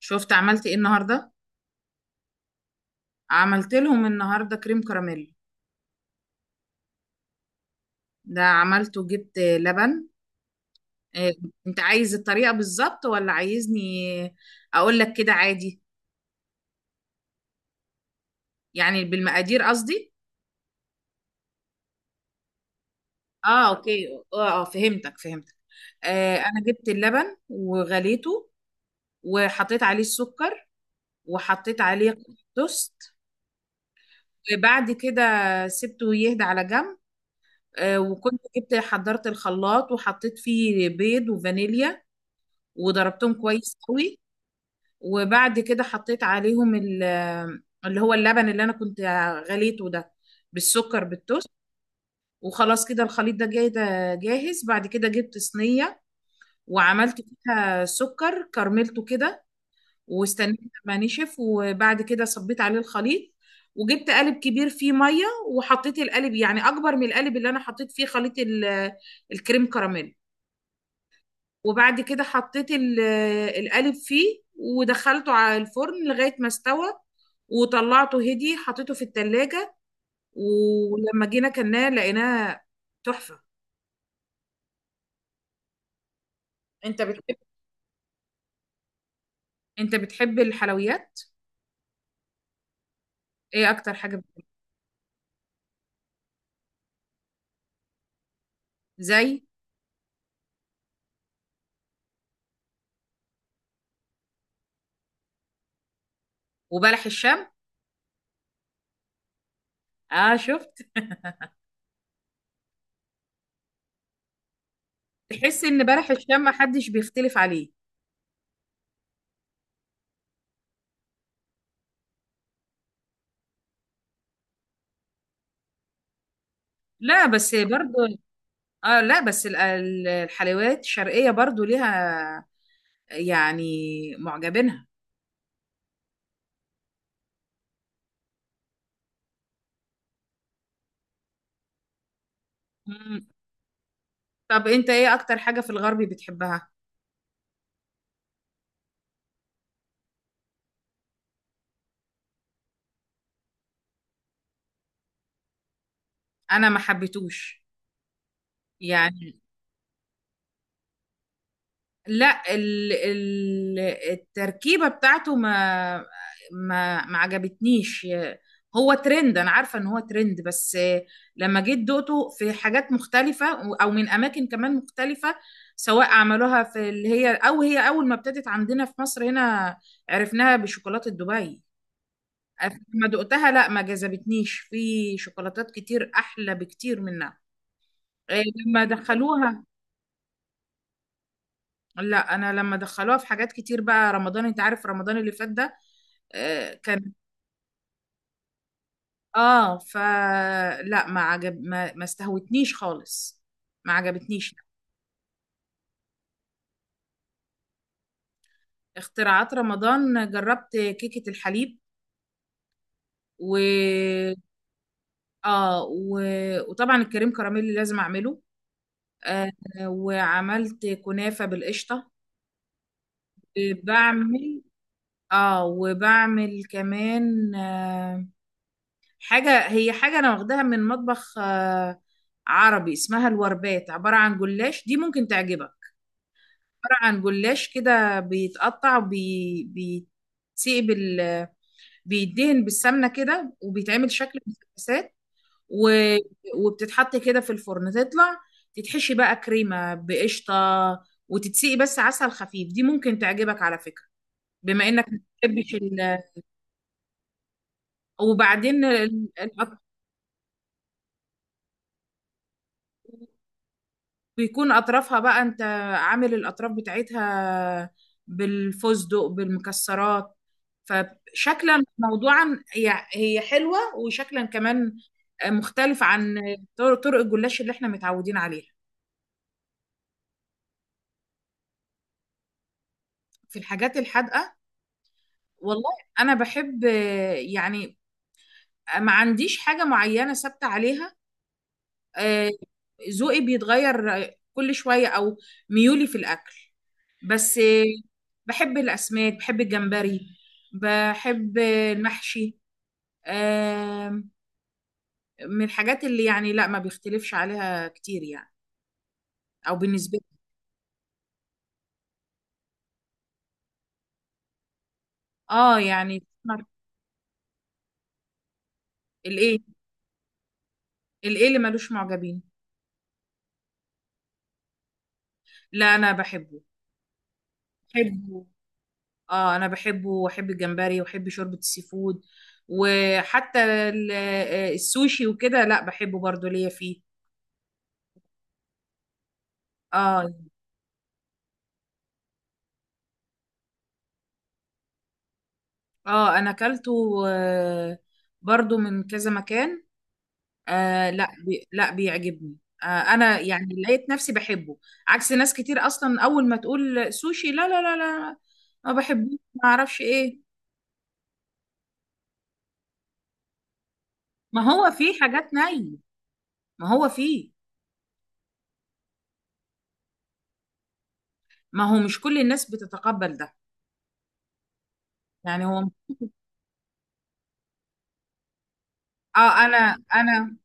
شفت عملت ايه النهارده؟ عملت لهم النهارده كريم كراميل. ده عملته، جبت لبن. إيه. انت عايز الطريقه بالظبط ولا عايزني اقول لك كده عادي؟ يعني بالمقادير قصدي. اه، اوكي. اه، اه، فهمتك فهمتك. انا جبت اللبن وغليته، وحطيت عليه السكر، وحطيت عليه قطع توست، وبعد كده سبته يهدى على جنب. وكنت حضرت الخلاط وحطيت فيه بيض وفانيليا، وضربتهم كويس قوي. وبعد كده حطيت عليهم اللي هو اللبن اللي انا كنت غليته ده، بالسكر بالتوست. وخلاص كده الخليط ده جاي، ده جاهز. بعد كده جبت صينية وعملت فيها سكر كرملته كده، واستنيت لما نشف، وبعد كده صبيت عليه الخليط. وجبت قالب كبير فيه مية وحطيت القالب، يعني أكبر من القالب اللي أنا حطيت فيه خليط الكريم كراميل. وبعد كده حطيت القالب فيه ودخلته على الفرن لغاية ما استوى. وطلعته هدي، حطيته في التلاجة. ولما جينا كلناه لقيناه تحفة. انت بتحب انت بتحب الحلويات؟ ايه اكتر حاجة زي؟ وبلح الشام؟ اه، شفت؟ تحس ان بلح الشام محدش بيختلف عليه؟ لا بس برضو. اه، لا، بس الحلويات الشرقية برضو ليها يعني معجبينها. طب انت ايه اكتر حاجة في الغربي بتحبها؟ انا ما حبيتوش. يعني. لا، ال ال التركيبة بتاعته ما عجبتنيش. هو ترند، انا عارفة ان هو ترند، بس لما جيت دقته في حاجات مختلفة، او من اماكن كمان مختلفة، سواء عملوها في اللي هي، او هي اول ما ابتدت عندنا في مصر هنا عرفناها بشوكولاتة دبي. ما دقتها، لا ما جذبتنيش. في شوكولاتات كتير احلى بكتير منها. إيه لما دخلوها؟ لا، انا لما دخلوها في حاجات كتير بقى رمضان، انت عارف رمضان اللي فات ده؟ كان. اه، فلا ما استهوتنيش خالص، ما عجبتنيش. اختراعات رمضان جربت كيكة الحليب، و اه و... وطبعا الكريم كراميل لازم اعمله. آه وعملت كنافة بالقشطة. بعمل اه وبعمل كمان حاجة، هي حاجة أنا واخداها من مطبخ عربي، اسمها الوربات، عبارة عن جلاش، دي ممكن تعجبك. عبارة عن جلاش كده، بيتقطع، بيتسيب، بيدهن بالسمنة كده، وبيتعمل شكل مثلثات. و... وبتتحط كده في الفرن تطلع، تتحشي بقى كريمة بقشطة، وتتسقي بس عسل خفيف. دي ممكن تعجبك على فكرة، بما انك ما بتحبش وبعدين بيكون اطرافها بقى، انت عامل الاطراف بتاعتها بالفستق بالمكسرات، فشكلا موضوعا هي هي حلوة وشكلا كمان مختلف عن طرق الجلاش اللي احنا متعودين عليها. في الحاجات الحادقة؟ والله انا بحب، يعني ما عنديش حاجة معينة ثابتة عليها، آه، ذوقي بيتغير كل شوية، او ميولي في الاكل بس. بحب الأسماك، بحب الجمبري، بحب المحشي، آم، من الحاجات اللي يعني لا ما بيختلفش عليها كتير، يعني أو بالنسبة لي. اه يعني. الإيه الإيه اللي ملوش معجبين؟ لا، أنا بحبه، بحبه. اه، أنا بحبه وأحب الجمبري وأحب شوربة السي فود، وحتى السوشي وكده لا بحبه برضو، ليا فيه. اه. اه، أنا أكلته برضو من كذا مكان. آه، لا لا بيعجبني. آه، انا يعني لقيت نفسي بحبه، عكس ناس كتير اصلا، اول ما تقول سوشي لا لا لا لا، ما بحبوش، ما اعرفش ايه. ما هو فيه حاجات ني. ما هو فيه. ما هو مش كل الناس بتتقبل ده. يعني هو، اه انا انا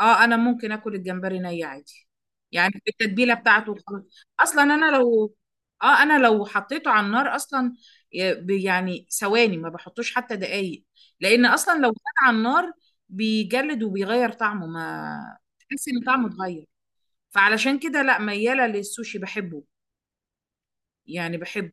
اه انا ممكن اكل الجمبري ني عادي. يعني بالتتبيله بتاعته وخلاص. اصلا انا لو حطيته على النار اصلا، يعني ثواني ما بحطوش حتى دقايق، لان اصلا لو كان على النار بيجلد وبيغير طعمه، ما تحس ان طعمه اتغير. فعلشان كده لا، مياله للسوشي بحبه، يعني بحبه.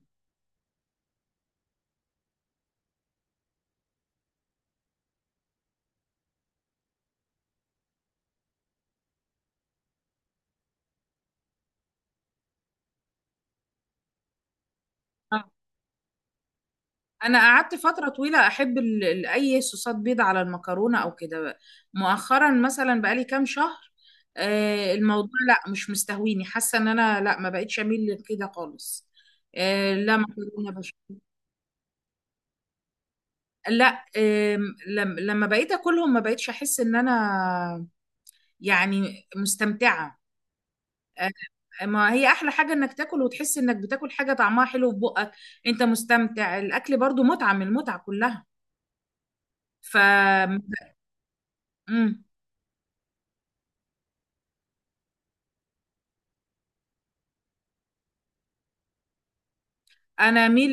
انا قعدت فتره طويله احب اي صوصات بيض على المكرونه او كده بقى. مؤخرا مثلا بقالي كام شهر، الموضوع لا مش مستهويني، حاسه ان انا لا ما بقتش اميل لكده خالص. لا مكرونه لا، لما بقيت اكلهم ما بقيتش احس ان انا يعني مستمتعه. ما هي احلى حاجه انك تاكل وتحس انك بتاكل حاجه طعمها حلو في بقك، انت مستمتع. الاكل برضو متعه من المتعه كلها. ف انا ميل،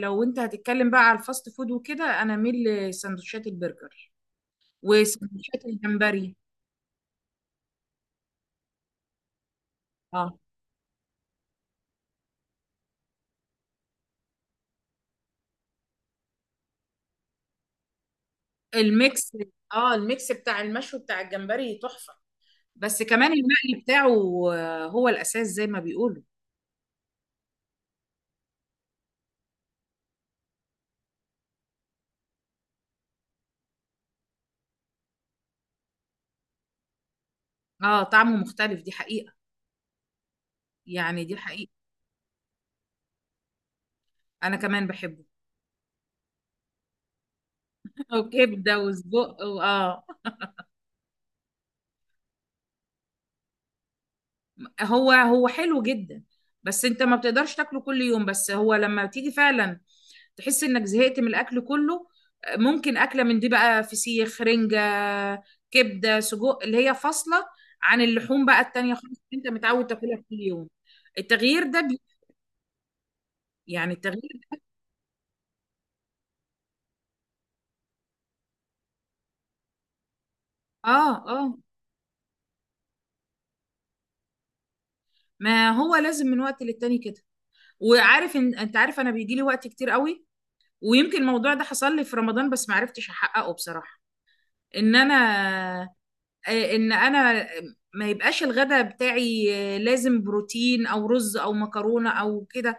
لو انت هتتكلم بقى على الفاست فود وكده، انا ميل لسندوتشات البرجر وسندوتشات الجمبري. اه الميكس اه الميكس بتاع المشوي بتاع الجمبري تحفة، بس كمان المقلي بتاعه. هو الاساس زي ما بيقولوا. اه، طعمه مختلف دي حقيقة، يعني دي حقيقة. انا كمان بحبه. وكبدة وسجق اه. هو هو حلو جدا، بس انت ما بتقدرش تاكله كل يوم، بس هو لما تيجي فعلا تحس انك زهقت من الاكل كله، ممكن اكله من دي بقى، فسيخ، رنجه، كبده، سجق، اللي هي فاصله عن اللحوم بقى التانية خالص، اللي انت متعود تاكلها كل يوم. التغيير ده يعني التغيير. اه، اه، ما هو لازم من وقت للتاني كده، وعارف ان انت عارف انا بيجي لي وقت كتير قوي، ويمكن الموضوع ده حصل لي في رمضان بس ما عرفتش احققه بصراحه. ان انا ان انا ما يبقاش الغدا بتاعي، لازم بروتين او رز او مكرونه او كده.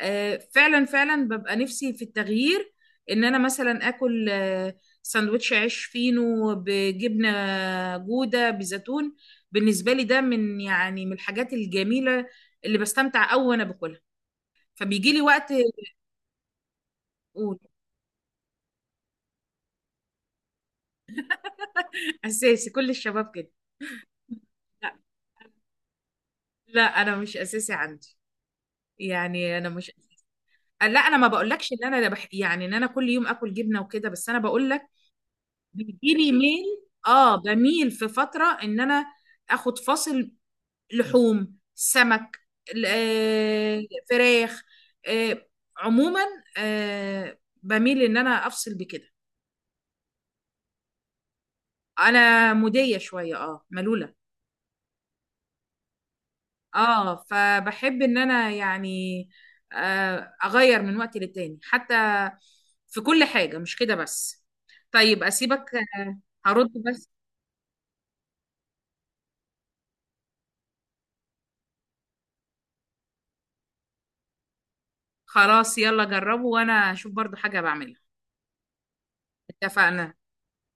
فعلا فعلا ببقى نفسي في التغيير ان انا مثلا اكل سندوتش عيش فينو بجبنه جوده بزيتون. بالنسبه لي ده من يعني من الحاجات الجميله اللي بستمتع قوي وانا باكلها، فبيجي لي وقت اقول اساسي كل الشباب كده. لا، لا انا مش اساسي عندي، يعني انا مش. لا، انا ما بقولكش ان انا يعني ان انا كل يوم اكل جبنه وكده، بس انا بقول لك بيجي لي ميل. اه، بميل في فتره ان انا اخد فاصل لحوم، سمك، ال- آه، فراخ، آه، عموما، بميل ان انا افصل بكده. انا مودية شوية ملولة. اه، فبحب ان انا يعني اغير من وقت للتاني، حتى في كل حاجة مش كده بس. طيب اسيبك، هرد بس. خلاص، يلا جربوا، وانا اشوف برضو حاجة بعملها. اتفقنا.